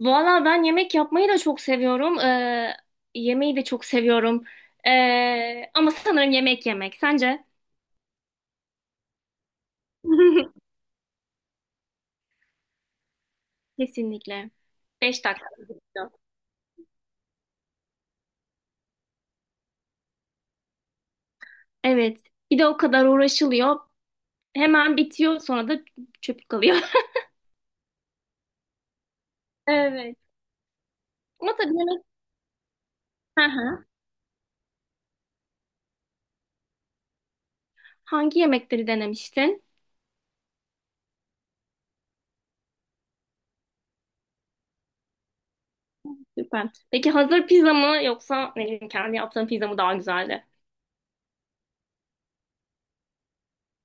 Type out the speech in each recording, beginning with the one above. Valla ben yemek yapmayı da çok seviyorum. Yemeği de çok seviyorum. Ama sanırım yemek yemek. Sence? Kesinlikle. Beş dakika. Evet. Bir de o kadar uğraşılıyor. Hemen bitiyor sonra da çöp kalıyor. Evet. Ama tabii yemek... Hı hı. Hangi yemekleri denemiştin? Süper. Peki hazır pizza mı yoksa ne bileyim kendi yaptığın pizza mı daha güzeldi?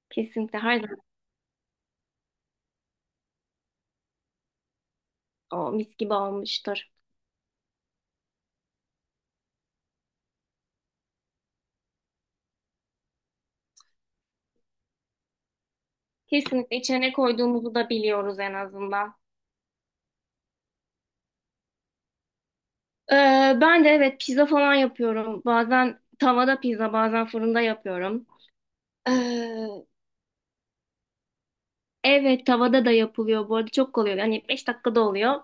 Kesinlikle her zaman o mis gibi olmuştur. Kesinlikle içine koyduğumuzu da biliyoruz en azından. Ee, Ben de evet pizza falan yapıyorum. Bazen tavada pizza, bazen fırında yapıyorum. Ee, evet, tavada da yapılıyor bu arada, çok kolay oluyor. Yani 5 dakikada oluyor.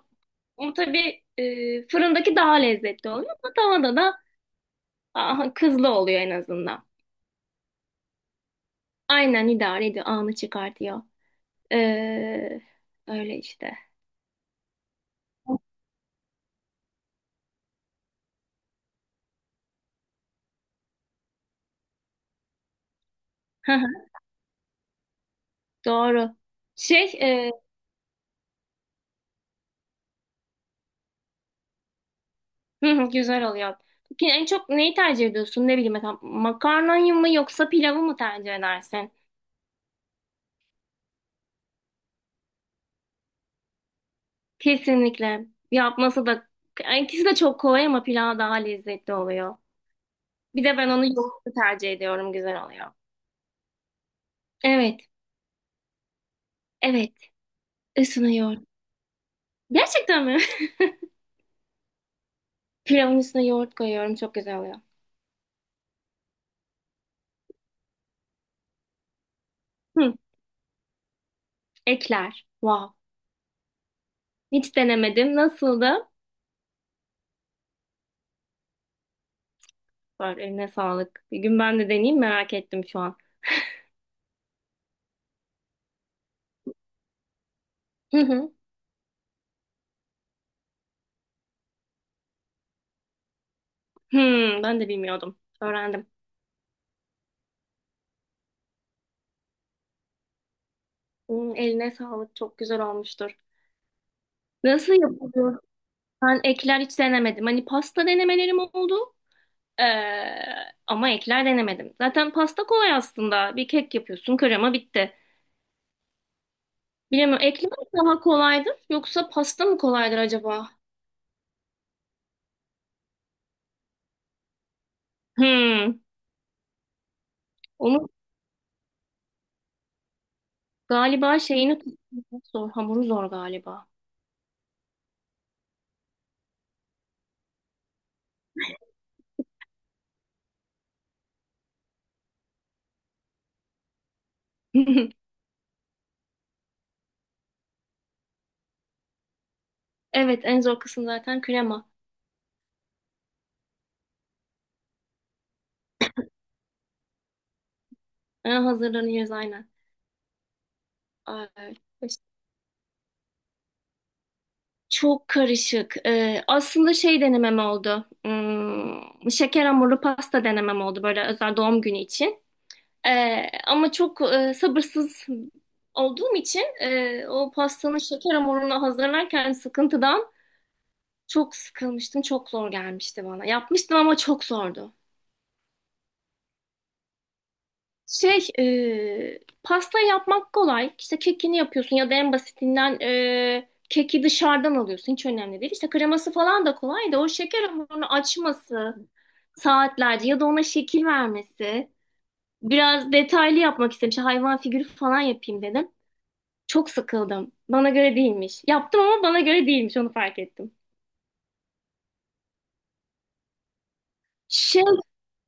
Ama tabii fırındaki daha lezzetli oluyor ama tavada da aha, kızlı oluyor en azından. Aynen idare ediyor, anı çıkartıyor. Ee, öyle işte. Hı hı, doğru. Şey, e, hı hı, güzel oluyor. Peki en çok neyi tercih ediyorsun? Ne bileyim, mesela makarnayı mı yoksa pilavı mı tercih edersin? Kesinlikle. Yapması da, yani ikisi de çok kolay ama pilav daha lezzetli oluyor. Bir de ben onu yoğurtlu tercih ediyorum. Güzel oluyor. Evet. Evet. Üstüne yoğurt. Gerçekten mi? Pilavın üstüne yoğurt koyuyorum. Çok güzel oluyor. Hı, ekler. Wow. Hiç denemedim. Nasıldı? Var, eline sağlık. Bir gün ben de deneyeyim, merak ettim şu an. Hı hı. Hmm, ben de bilmiyordum. Öğrendim. Hmm, eline sağlık. Çok güzel olmuştur. Nasıl yapılıyor? Ben ekler hiç denemedim. Hani pasta denemelerim oldu. Ee, ama ekler denemedim. Zaten pasta kolay aslında. Bir kek yapıyorsun, krema bitti. Bilemiyorum. Ekler daha kolaydır yoksa pasta mı kolaydır acaba? Hmm. Onun galiba şeyini tutmak zor. Hamuru zor galiba. Evet, en zor kısım zaten krema. Ha, hazırlanıyoruz aynen. Ay. Çok karışık. Aslında şey denemem oldu. Hmm, şeker hamurlu pasta denemem oldu, böyle özel doğum günü için. Ama çok sabırsız olduğum için o pastanın şeker hamurunu hazırlarken sıkıntıdan çok sıkılmıştım. Çok zor gelmişti bana. Yapmıştım ama çok zordu. Pasta yapmak kolay. İşte kekini yapıyorsun ya da en basitinden keki dışarıdan alıyorsun. Hiç önemli değil. İşte kreması falan da kolay da, o şeker hamurunu açması saatlerce ya da ona şekil vermesi. Biraz detaylı yapmak istedim. İşte hayvan figürü falan yapayım dedim. Çok sıkıldım. Bana göre değilmiş. Yaptım ama bana göre değilmiş. Onu fark ettim. Şey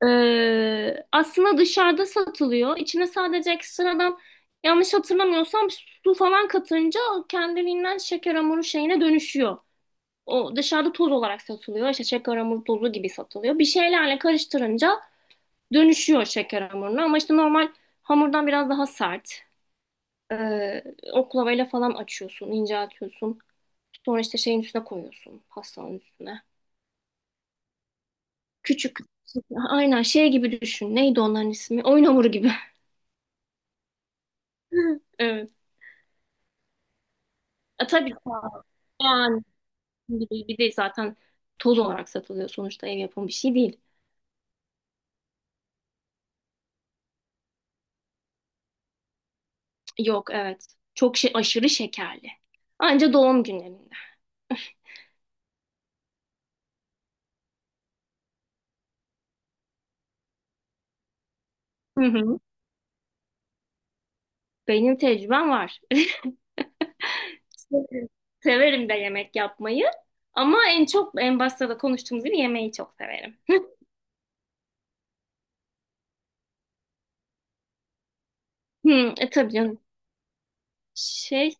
Aslında dışarıda satılıyor. İçine sadece ekstradan, yanlış hatırlamıyorsam, su falan katınca kendiliğinden şeker hamuru şeyine dönüşüyor. O dışarıda toz olarak satılıyor. İşte şeker hamuru tozu gibi satılıyor. Bir şeylerle karıştırınca dönüşüyor şeker hamuruna. Ama işte normal hamurdan biraz daha sert. Ee, oklavayla falan açıyorsun, inceltiyorsun. Sonra işte şeyin üstüne koyuyorsun, pastanın üstüne. Küçük. Aynen şey gibi düşün. Neydi onların ismi? Oyun hamuru gibi. Evet. E, tabii ki yani, gibi bir de zaten toz olarak satılıyor, sonuçta ev yapımı bir şey değil. Yok, evet. Çok şey, aşırı şekerli. Anca doğum günlerinde. Hı hı. Benim tecrübem var. Severim de yemek yapmayı. Ama en çok, en başta da konuştuğumuz gibi, yemeği çok severim. Hı, tabii canım. Şey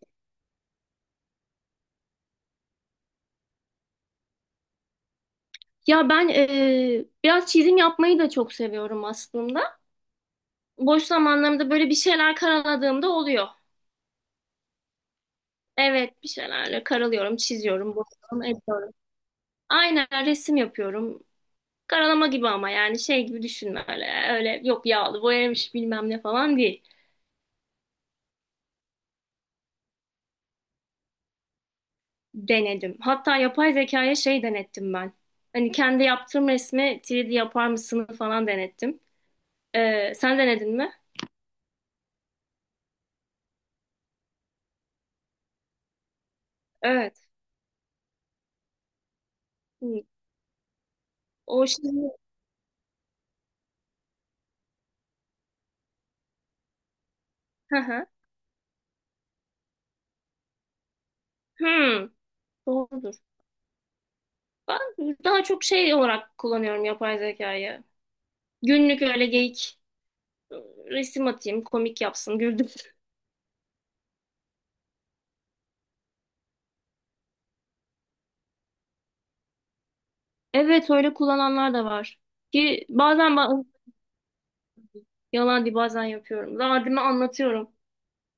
ya ben biraz çizim yapmayı da çok seviyorum aslında. Boş zamanlarımda böyle bir şeyler karaladığımda oluyor. Evet, bir şeylerle karalıyorum, çiziyorum, boyuyorum, ediyorum. Aynen resim yapıyorum. Karalama gibi ama yani şey gibi düşünme öyle. Öyle yok, yağlı boyamış bilmem ne falan değil. Denedim. Hatta yapay zekaya şey denettim ben. Hani kendi yaptığım resmi 3D yapar mısın falan denettim. Sen denedin mi? Evet. Hı. O şimdi... Hı hı. Hmm, doğrudur. Ben daha çok şey olarak kullanıyorum yapay zekayı. Günlük öyle geyik, e, resim atayım komik yapsın güldüm. Evet, öyle kullananlar da var. Ki bazen ba- Yalan değil, bazen yapıyorum. Derdimi anlatıyorum.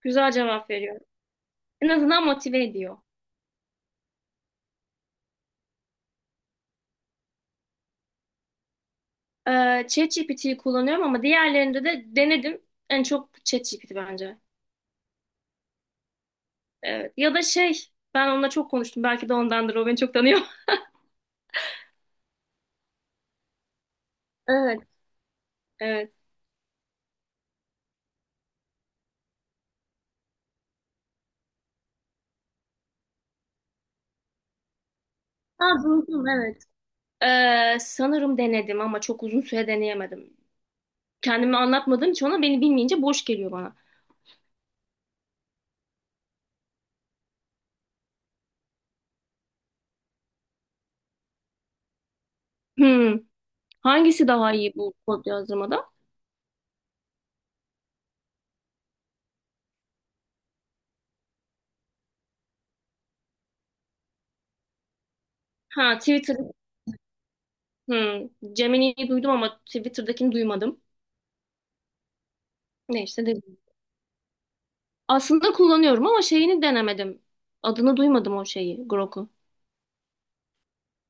Güzel cevap veriyor. En azından motive ediyor. ChatGPT'yi kullanıyorum ama diğerlerinde de denedim. En çok ChatGPT bence. Evet. Ya da şey, ben onunla çok konuştum. Belki de ondandır. O beni çok tanıyor. Evet. Evet. Ha, duydum, evet. Sanırım denedim ama çok uzun süre deneyemedim. Kendimi anlatmadığım için, ona beni bilmeyince boş geliyor bana. Hmm. Hangisi daha iyi bu kod yazdırmada? Ha, Twitter. Hmm, Gemini'yi duydum ama Twitter'dakini duymadım. Neyse, dedim. Aslında kullanıyorum ama şeyini denemedim. Adını duymadım o şeyi, Grok'u.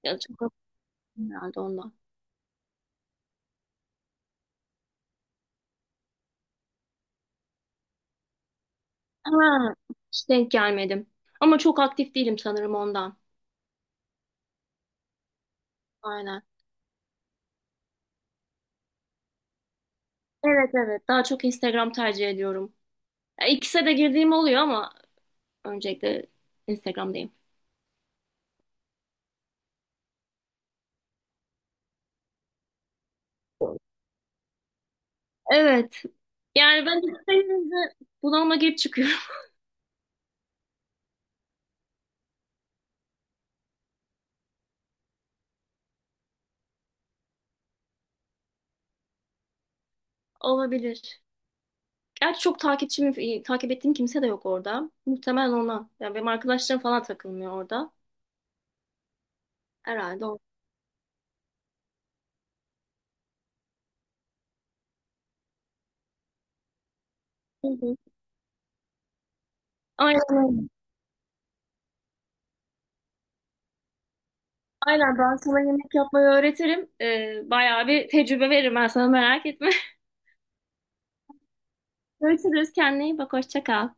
Ya, çok herhalde ondan. Ha, hiç denk gelmedim. Ama çok aktif değilim, sanırım ondan. Aynen. Evet, evet. Daha çok Instagram tercih ediyorum. Ya, ikisine de girdiğim oluyor ama öncelikle Instagram'dayım. Evet. Yani ben isteyince bunalıma girip çıkıyorum. Olabilir. Gerçi çok takipçim, takip ettiğim kimse de yok orada. Muhtemelen ona. Yani benim arkadaşlarım falan takılmıyor orada. Herhalde. Hı hı. Aynen öyle. Aynen, ben sana yemek yapmayı öğretirim. Bayağı bir tecrübe veririm ben sana, merak etme. Görüşürüz, kendine iyi bak, hoşça kal.